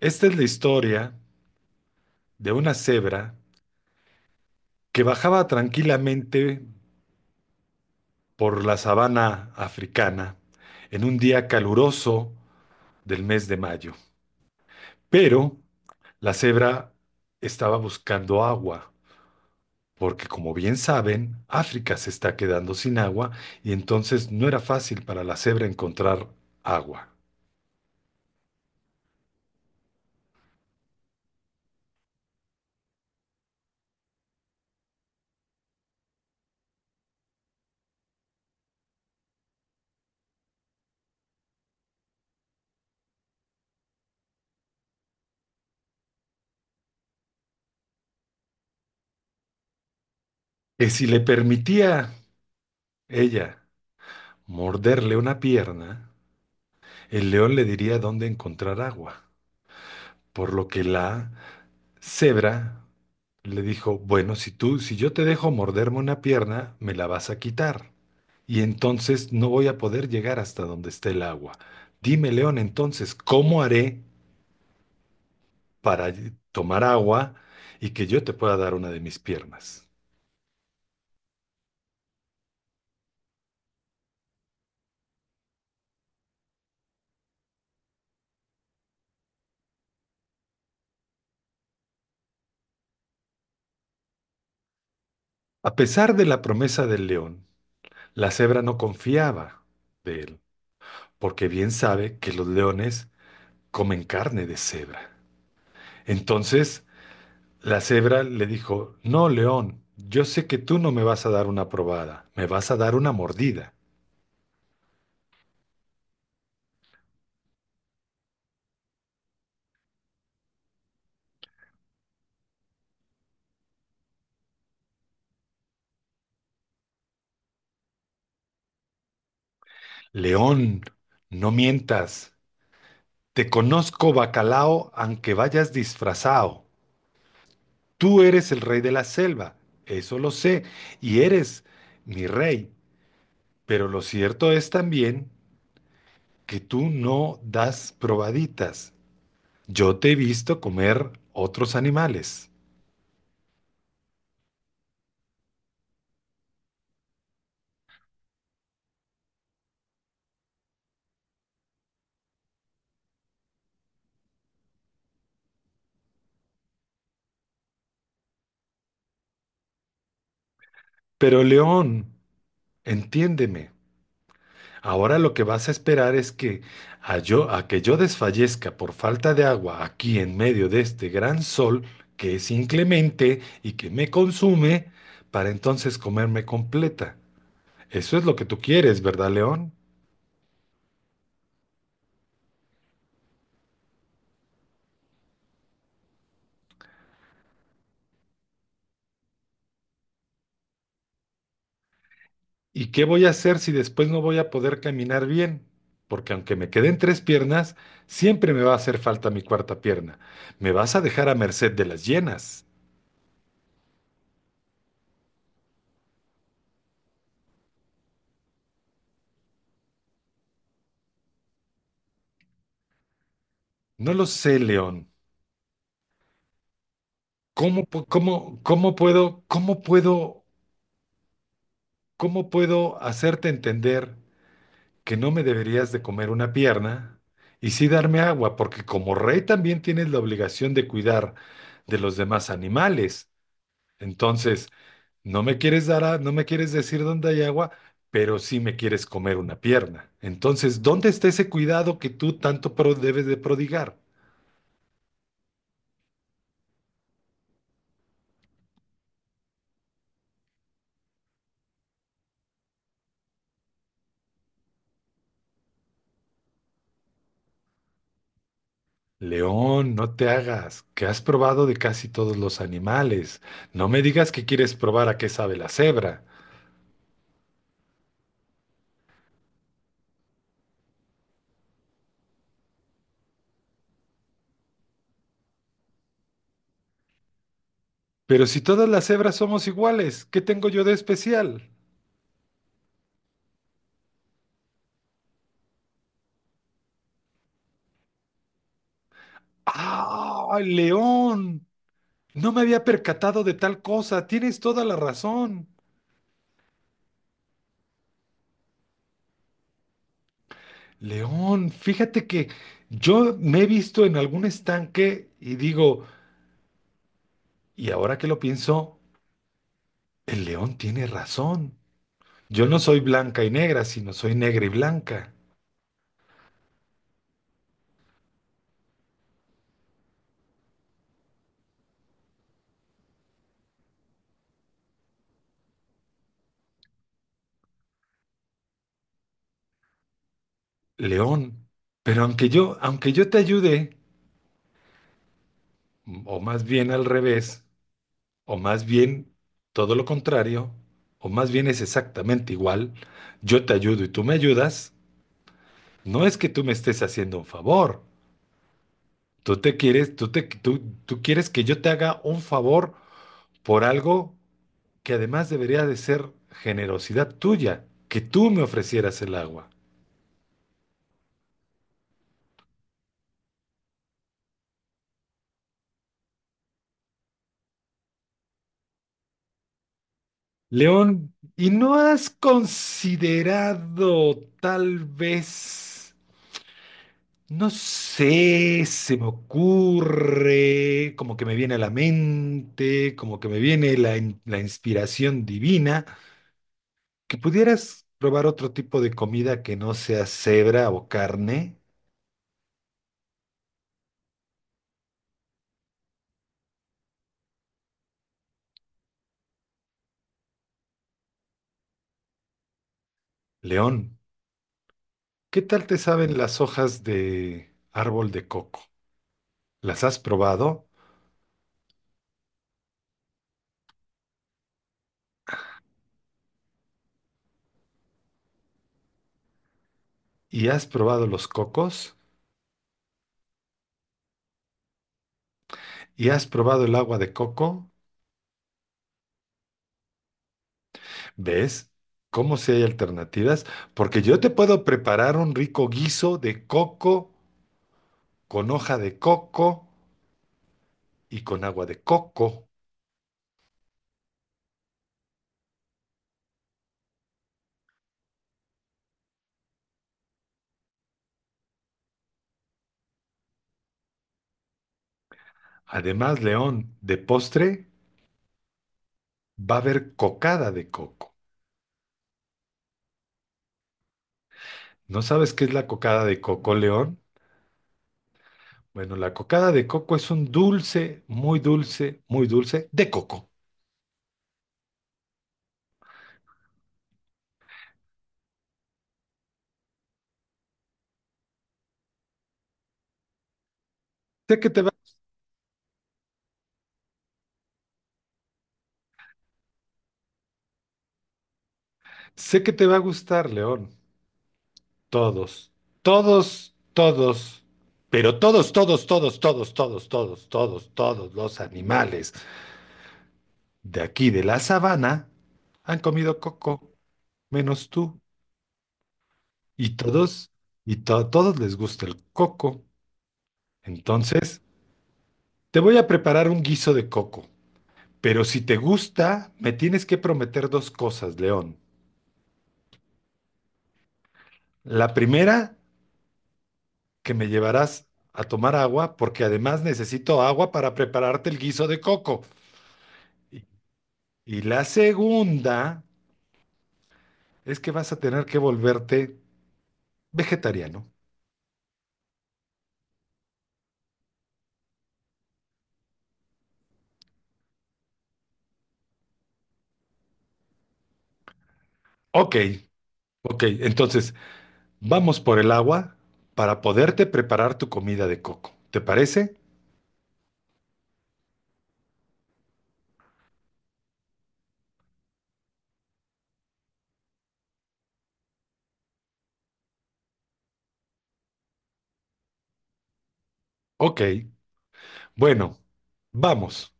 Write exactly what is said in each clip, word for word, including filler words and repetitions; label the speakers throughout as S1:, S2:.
S1: Esta es la historia de una cebra que bajaba tranquilamente por la sabana africana en un día caluroso del mes de mayo. Pero la cebra estaba buscando agua, porque como bien saben, África se está quedando sin agua y entonces no era fácil para la cebra encontrar agua. Que si le permitía ella morderle una pierna, el león le diría dónde encontrar agua. Por lo que la cebra le dijo, bueno, si tú, si yo te dejo morderme una pierna, me la vas a quitar. Y entonces no voy a poder llegar hasta donde esté el agua. Dime, león, entonces, ¿cómo haré para tomar agua y que yo te pueda dar una de mis piernas? A pesar de la promesa del león, la cebra no confiaba de él, porque bien sabe que los leones comen carne de cebra. Entonces, la cebra le dijo, no, león, yo sé que tú no me vas a dar una probada, me vas a dar una mordida. León, no mientas, te conozco bacalao aunque vayas disfrazado. Tú eres el rey de la selva, eso lo sé, y eres mi rey, pero lo cierto es también que tú no das probaditas. Yo te he visto comer otros animales. Pero león, entiéndeme. Ahora lo que vas a esperar es que a yo, a que yo desfallezca por falta de agua aquí en medio de este gran sol que es inclemente y que me consume, para entonces comerme completa. Eso es lo que tú quieres, ¿verdad, León? ¿Y qué voy a hacer si después no voy a poder caminar bien? Porque aunque me queden tres piernas, siempre me va a hacer falta mi cuarta pierna. Me vas a dejar a merced de las llenas. No lo sé, León. ¿Cómo, pu- cómo, cómo puedo, cómo puedo? ¿Cómo puedo hacerte entender que no me deberías de comer una pierna y sí darme agua? Porque como rey también tienes la obligación de cuidar de los demás animales. Entonces, no me quieres dar a- no me quieres decir dónde hay agua, pero sí me quieres comer una pierna. Entonces, ¿dónde está ese cuidado que tú tanto pro- debes de prodigar? León, no te hagas, que has probado de casi todos los animales. No me digas que quieres probar a qué sabe la cebra. Pero si todas las hebras somos iguales, ¿qué tengo yo de especial? ¡Ah, León! No me había percatado de tal cosa. Tienes toda la razón. León, fíjate que yo me he visto en algún estanque y digo, y ahora que lo pienso, el león tiene razón. Yo no soy blanca y negra, sino soy negra y blanca. León. Pero aunque yo, aunque yo te ayude, o más bien al revés, o más bien todo lo contrario, o más bien es exactamente igual, yo te ayudo y tú me ayudas, no es que tú me estés haciendo un favor. Tú te quieres, tú te, tú, tú quieres que yo te haga un favor por algo que además debería de ser generosidad tuya, que tú me ofrecieras el agua. León, ¿y no has considerado tal vez? No sé, se me ocurre, como que me viene a la mente, como que me viene la, in- la inspiración divina, que pudieras probar otro tipo de comida que no sea cebra o carne, león. ¿Qué tal te saben las hojas de árbol de coco? ¿Las has probado? ¿Y has probado los cocos? ¿Y has probado el agua de coco? ¿Ves? ¿Cómo si hay alternativas? Porque yo te puedo preparar un rico guiso de coco con hoja de coco y con agua de coco. Además, León, de postre va a haber cocada de coco. ¿No sabes qué es la cocada de coco, León? Bueno, la cocada de coco es un dulce, muy dulce, muy dulce de coco. Sé que te va, sé que te va a gustar, León. Todos, todos, todos, pero todos, todos, todos, todos, todos, todos, todos, todos los animales de aquí de la sabana han comido coco, menos tú. Y todos, y to- todos les gusta el coco. Entonces, te voy a preparar un guiso de coco. Pero si te gusta, me tienes que prometer dos cosas, León. La primera, que me llevarás a tomar agua, porque además necesito agua para prepararte el guiso de coco. Y, y la segunda es que vas a tener que volverte vegetariano. Ok, ok. Entonces, vamos por el agua para poderte preparar tu comida de coco. ¿Te parece? Ok. Bueno, vamos.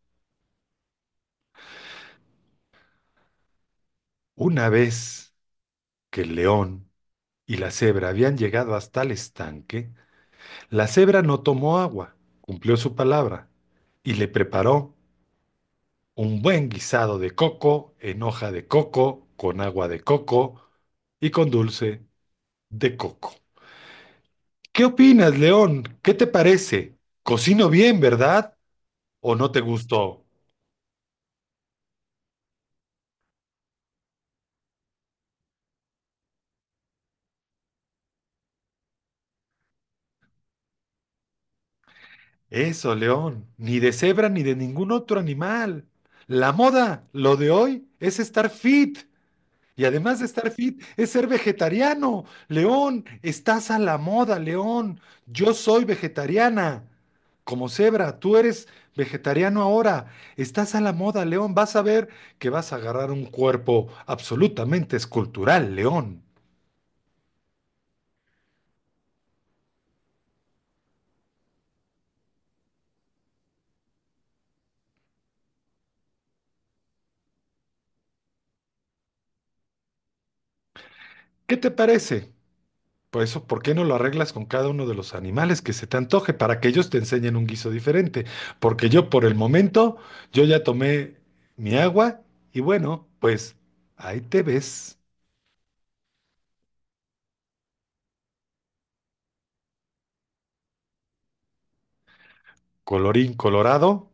S1: Una vez que el león y la cebra habían llegado hasta el estanque, la cebra no tomó agua, cumplió su palabra y le preparó un buen guisado de coco en hoja de coco, con agua de coco y con dulce de coco. ¿Qué opinas, león? ¿Qué te parece? Cocino bien, ¿verdad? ¿O no te gustó? Eso, León, ni de cebra ni de ningún otro animal. La moda, lo de hoy, es estar fit. Y además de estar fit, es ser vegetariano. León, estás a la moda, León. Yo soy vegetariana. Como cebra, tú eres vegetariano ahora. Estás a la moda, León. Vas a ver que vas a agarrar un cuerpo absolutamente escultural, León. ¿Qué te parece? Por eso, ¿por qué no lo arreglas con cada uno de los animales que se te antoje para que ellos te enseñen un guiso diferente? Porque yo por el momento, yo ya tomé mi agua y bueno, pues ahí te ves, colorín colorado.